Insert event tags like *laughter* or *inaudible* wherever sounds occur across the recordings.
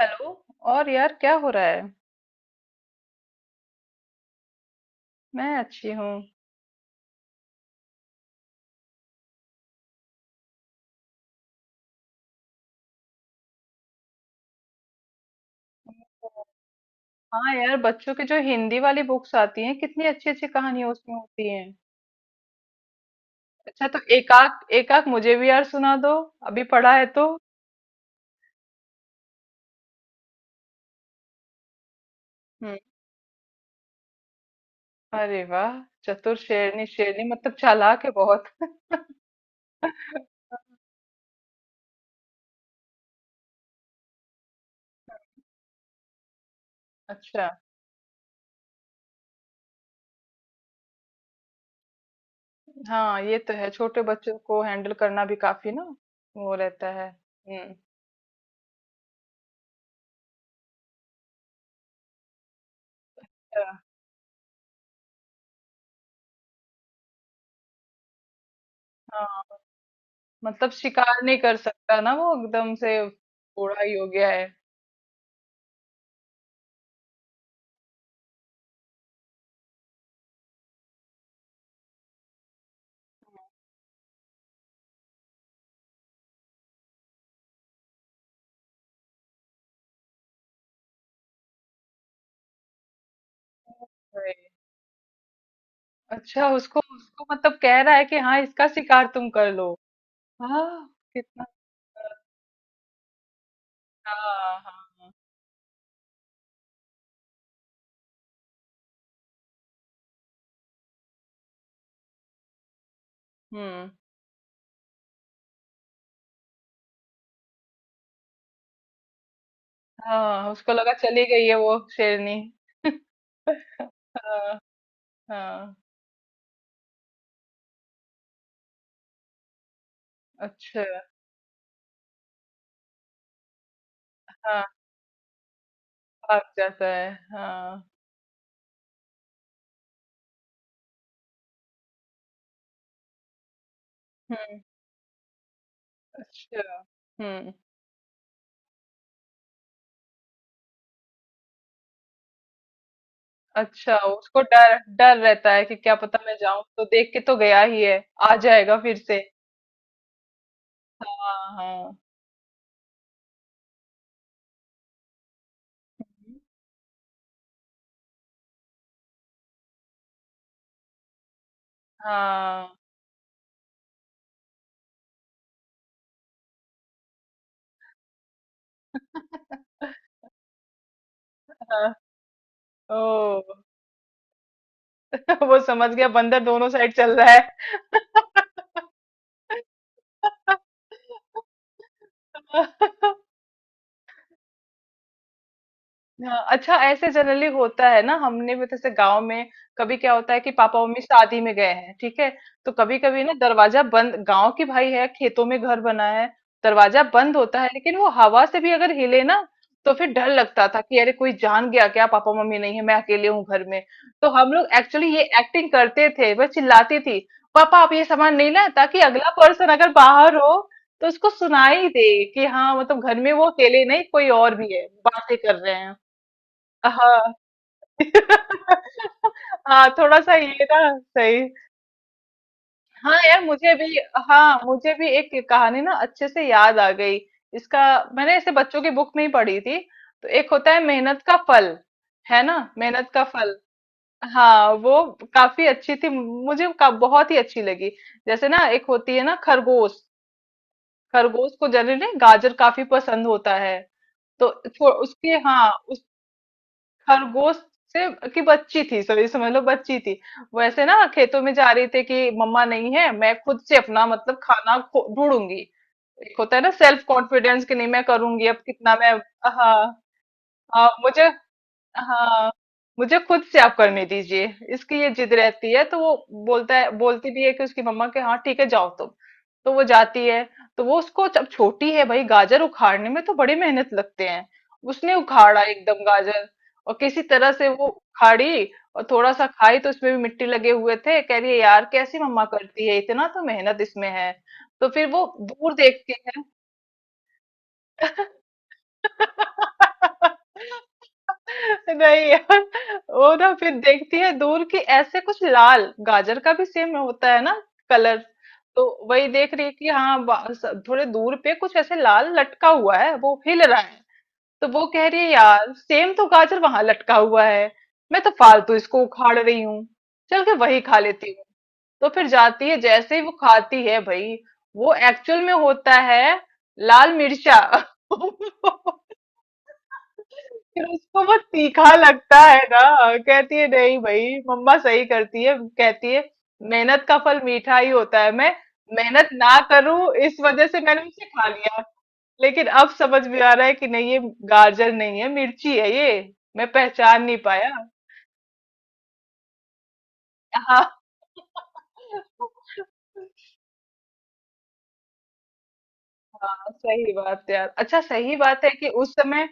Hello. और यार क्या हो रहा है। मैं अच्छी हूँ। हाँ यार, बच्चों की जो हिंदी वाली बुक्स आती हैं कितनी अच्छी अच्छी कहानियां उसमें होती हैं। अच्छा, तो एकाक एकाक मुझे भी यार सुना दो। अभी पढ़ा है तो। हम्म। अरे वाह। चतुर शेरनी, शेरनी मतलब चालाक है बहुत। *laughs* अच्छा। हाँ ये तो है, छोटे बच्चों को हैंडल करना भी काफी ना। वो रहता है। हम्म। अच्छा। हाँ, मतलब शिकार नहीं कर सकता ना, वो एकदम से बूढ़ा ही हो गया है। अच्छा, उसको उसको मतलब कह रहा है कि हाँ इसका शिकार तुम कर लो। हाँ कितना। गलत। हाँ हाँ हाँ। हम्म। हाँ, उसको लगा चली गई है वो शेरनी। हाँ। हाँ। अच्छा। हाँ, भाग जाता है। हाँ। हम्म। अच्छा। हम्म। अच्छा, उसको डर डर रहता है कि क्या पता, मैं जाऊं तो देख के तो गया ही है, आ जाएगा फिर से। हाँ हाँ। हाँ हाँ। ओ। *laughs* वो समझ गया बंदर दोनों साइड चल रहा है। *laughs* कर दो। हाँ, अच्छा ऐसे जनरली होता है ना, हमने भी जैसे गांव में कभी क्या होता है कि पापा मम्मी शादी में गए हैं, ठीक है। तो कभी कभी ना दरवाजा बंद, गांव की भाई है, खेतों में घर बना है। दरवाजा बंद होता है लेकिन वो हवा से भी अगर हिले ना, तो फिर डर लगता था कि अरे कोई जान गया क्या, पापा मम्मी नहीं है मैं अकेले हूँ घर में। तो हम लोग एक्चुअली ये एक्टिंग करते थे, वह चिल्लाती थी पापा आप ये सामान नहीं लाए, ताकि अगला पर्सन अगर बाहर हो तो उसको सुनाई दे कि हाँ मतलब घर में वो अकेले नहीं, कोई और भी है, बातें कर रहे हैं। हाँ। *laughs* हाँ, थोड़ा सा ये ना सही। हाँ यार मुझे भी। हाँ, मुझे भी एक कहानी ना अच्छे से याद आ गई। इसका, मैंने इसे बच्चों की बुक में ही पढ़ी थी। तो एक होता है मेहनत का फल। है ना, मेहनत का फल। हाँ वो काफी अच्छी थी, मुझे बहुत ही अच्छी लगी। जैसे ना एक होती है ना खरगोश। खरगोश को जनरली गाजर काफी पसंद होता है। तो उसके, हाँ, खरगोश से की बच्ची थी, सॉरी समझ लो बच्ची थी। वैसे ना खेतों में जा रही थी कि मम्मा नहीं है, मैं खुद से अपना मतलब खाना ढूंढूंगी। एक होता है ना सेल्फ कॉन्फिडेंस, कि नहीं मैं करूंगी, अब कितना मैं। हाँ। हाँ मुझे। हाँ। मुझे खुद से आप करने दीजिए। इसकी ये जिद रहती है तो वो बोलता है, बोलती भी है कि उसकी मम्मा के, हाँ ठीक है जाओ तुम। तो वो जाती है। तो वो उसको, जब छोटी है भाई, गाजर उखाड़ने में तो बड़ी मेहनत लगते हैं। उसने उखाड़ा एकदम गाजर, और किसी तरह से वो उखाड़ी। और थोड़ा सा खाई तो उसमें भी मिट्टी लगे हुए थे, कह रही है यार कैसी मम्मा करती है, इतना तो मेहनत इसमें है। तो फिर वो दूर देखती है। *laughs* नहीं यार, वो ना फिर देखती है दूर की ऐसे कुछ लाल, गाजर का भी सेम होता है ना कलर। तो वही देख रही है कि हाँ थोड़े दूर पे कुछ ऐसे लाल लटका हुआ है, वो हिल रहा है। तो वो कह रही है यार सेम तो गाजर वहां लटका हुआ है। मैं तो फालतू इसको उखाड़ रही हूँ, चल के वही खा लेती हूँ। तो फिर जाती है, जैसे ही वो खाती है भाई, वो एक्चुअल में होता है लाल मिर्चा। *laughs* फिर उसको वो तीखा लगता है ना। कहती है नहीं भाई मम्मा सही करती है, कहती है मेहनत का फल मीठा ही होता है। मैं मेहनत ना करूं इस वजह से मैंने उसे खा लिया, लेकिन अब समझ में आ रहा है कि नहीं, ये गाजर नहीं है, मिर्ची है ये, मैं पहचान नहीं पाया। हाँ। *laughs* हाँ, सही बात है यार। अच्छा सही बात है कि उस समय,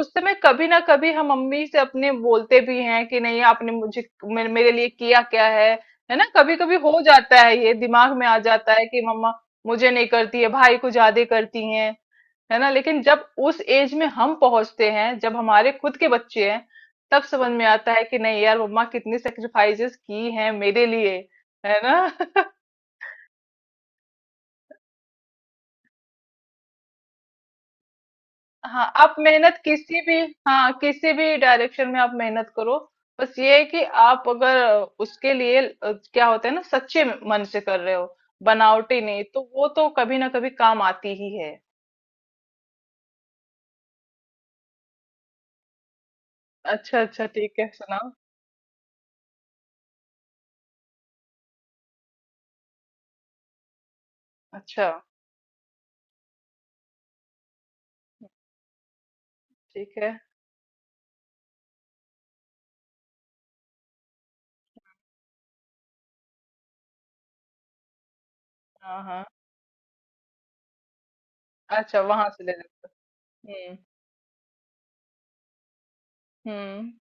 उस समय कभी ना कभी हम मम्मी से अपने बोलते भी हैं कि नहीं आपने मुझे, मेरे लिए किया क्या है। है ना, कभी कभी हो जाता है, ये दिमाग में आ जाता है कि मम्मा मुझे नहीं करती है, भाई को ज्यादा करती हैं। है ना, लेकिन जब उस एज में हम पहुंचते हैं जब हमारे खुद के बच्चे हैं, तब समझ में आता है कि नहीं यार मम्मा कितनी सेक्रीफाइसेस की हैं मेरे लिए। है ना। हाँ, आप मेहनत किसी भी, हाँ किसी भी डायरेक्शन में आप मेहनत करो, बस ये है कि आप अगर उसके लिए क्या होता है ना, सच्चे मन से कर रहे हो, बनावटी नहीं, तो वो तो कभी ना कभी काम आती ही है। अच्छा अच्छा ठीक है, सुनाओ। अच्छा। ठीक है। हाँ हाँ। अच्छा, वहां से ले लो। हम्म। हम्म।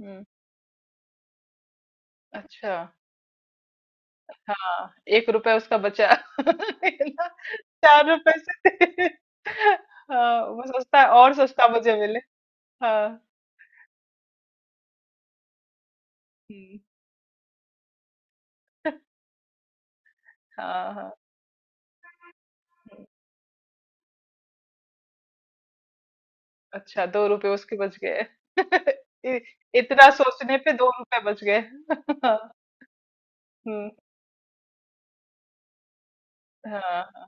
हम्म। अच्छा। हाँ, एक रुपया उसका बचा *laughs* है ना, चार रुपए से। *laughs* हाँ, वो सस्ता और सस्ता मुझे मिले। हाँ। हम्म। हाँ हाँ। हम्म, अच्छा दो रुपए उसके बच गए। *laughs* इ- इतना सोचने पे दो रुपए बच गए। *laughs* हाँ। हम्म। हाँ।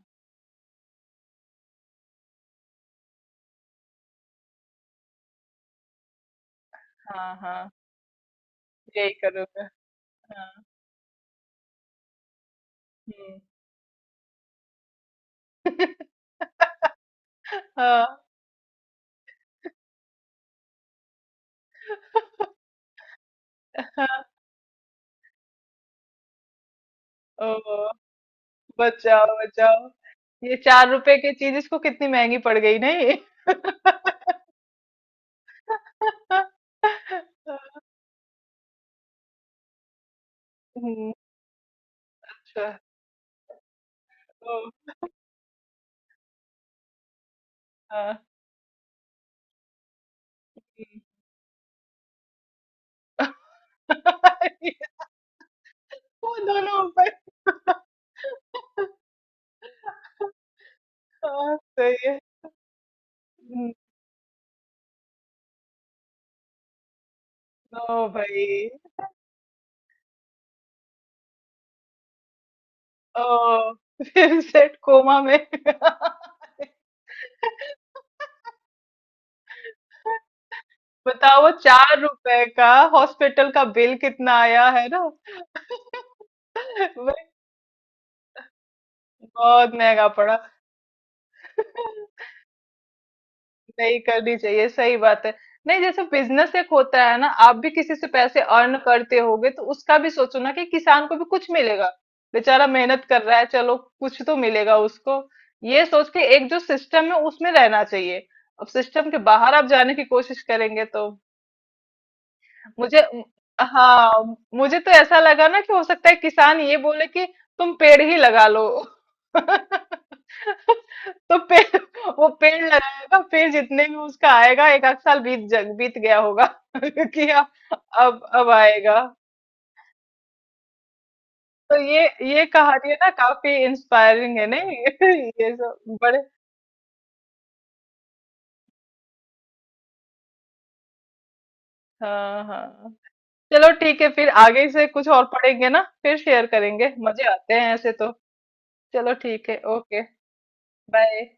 हाँ। हाँ यही करोगे। हाँ। हम्म। हाँ। हाँ, ओ, बचाओ बचाओ, ये चार रुपए की चीज इसको कितनी महंगी पड़ गई नहीं। *laughs* हम्म। अच्छा। ओ। हाँ। हम्म। *laughs* वो दोनों ऊपर। *laughs* हाँ सही है। हम्म, ओ भाई। ओह! *laughs* फिर सेठ कोमा में। *laughs* बताओ 4 रुपए का हॉस्पिटल का बिल कितना आया है ना। *laughs* वही, बहुत महंगा पड़ा। नहीं करनी चाहिए, सही बात है। नहीं, जैसे बिजनेस एक होता है ना, आप भी किसी से पैसे अर्न करते होगे तो उसका भी सोचो ना कि किसान को भी कुछ मिलेगा। बेचारा मेहनत कर रहा है, चलो कुछ तो मिलेगा उसको। ये सोच के एक जो सिस्टम है उसमें रहना चाहिए। अब सिस्टम के बाहर आप जाने की कोशिश करेंगे तो, मुझे, हाँ, मुझे तो ऐसा लगा ना कि हो सकता है किसान ये बोले कि तुम पेड़ ही लगा लो। *laughs* तो पेड़, वो पेड़ लगाएगा, पेड़ जितने भी उसका आएगा एक आध साल बीत जग बीत गया होगा। *laughs* कि अब, आएगा। तो ये कहानी है ना काफी इंस्पायरिंग है नहीं। *laughs* ये सब बड़े, हाँ हाँ। चलो ठीक है फिर आगे से कुछ और पढ़ेंगे ना फिर शेयर करेंगे, मजे आते हैं ऐसे तो। चलो ठीक है, ओके बाय।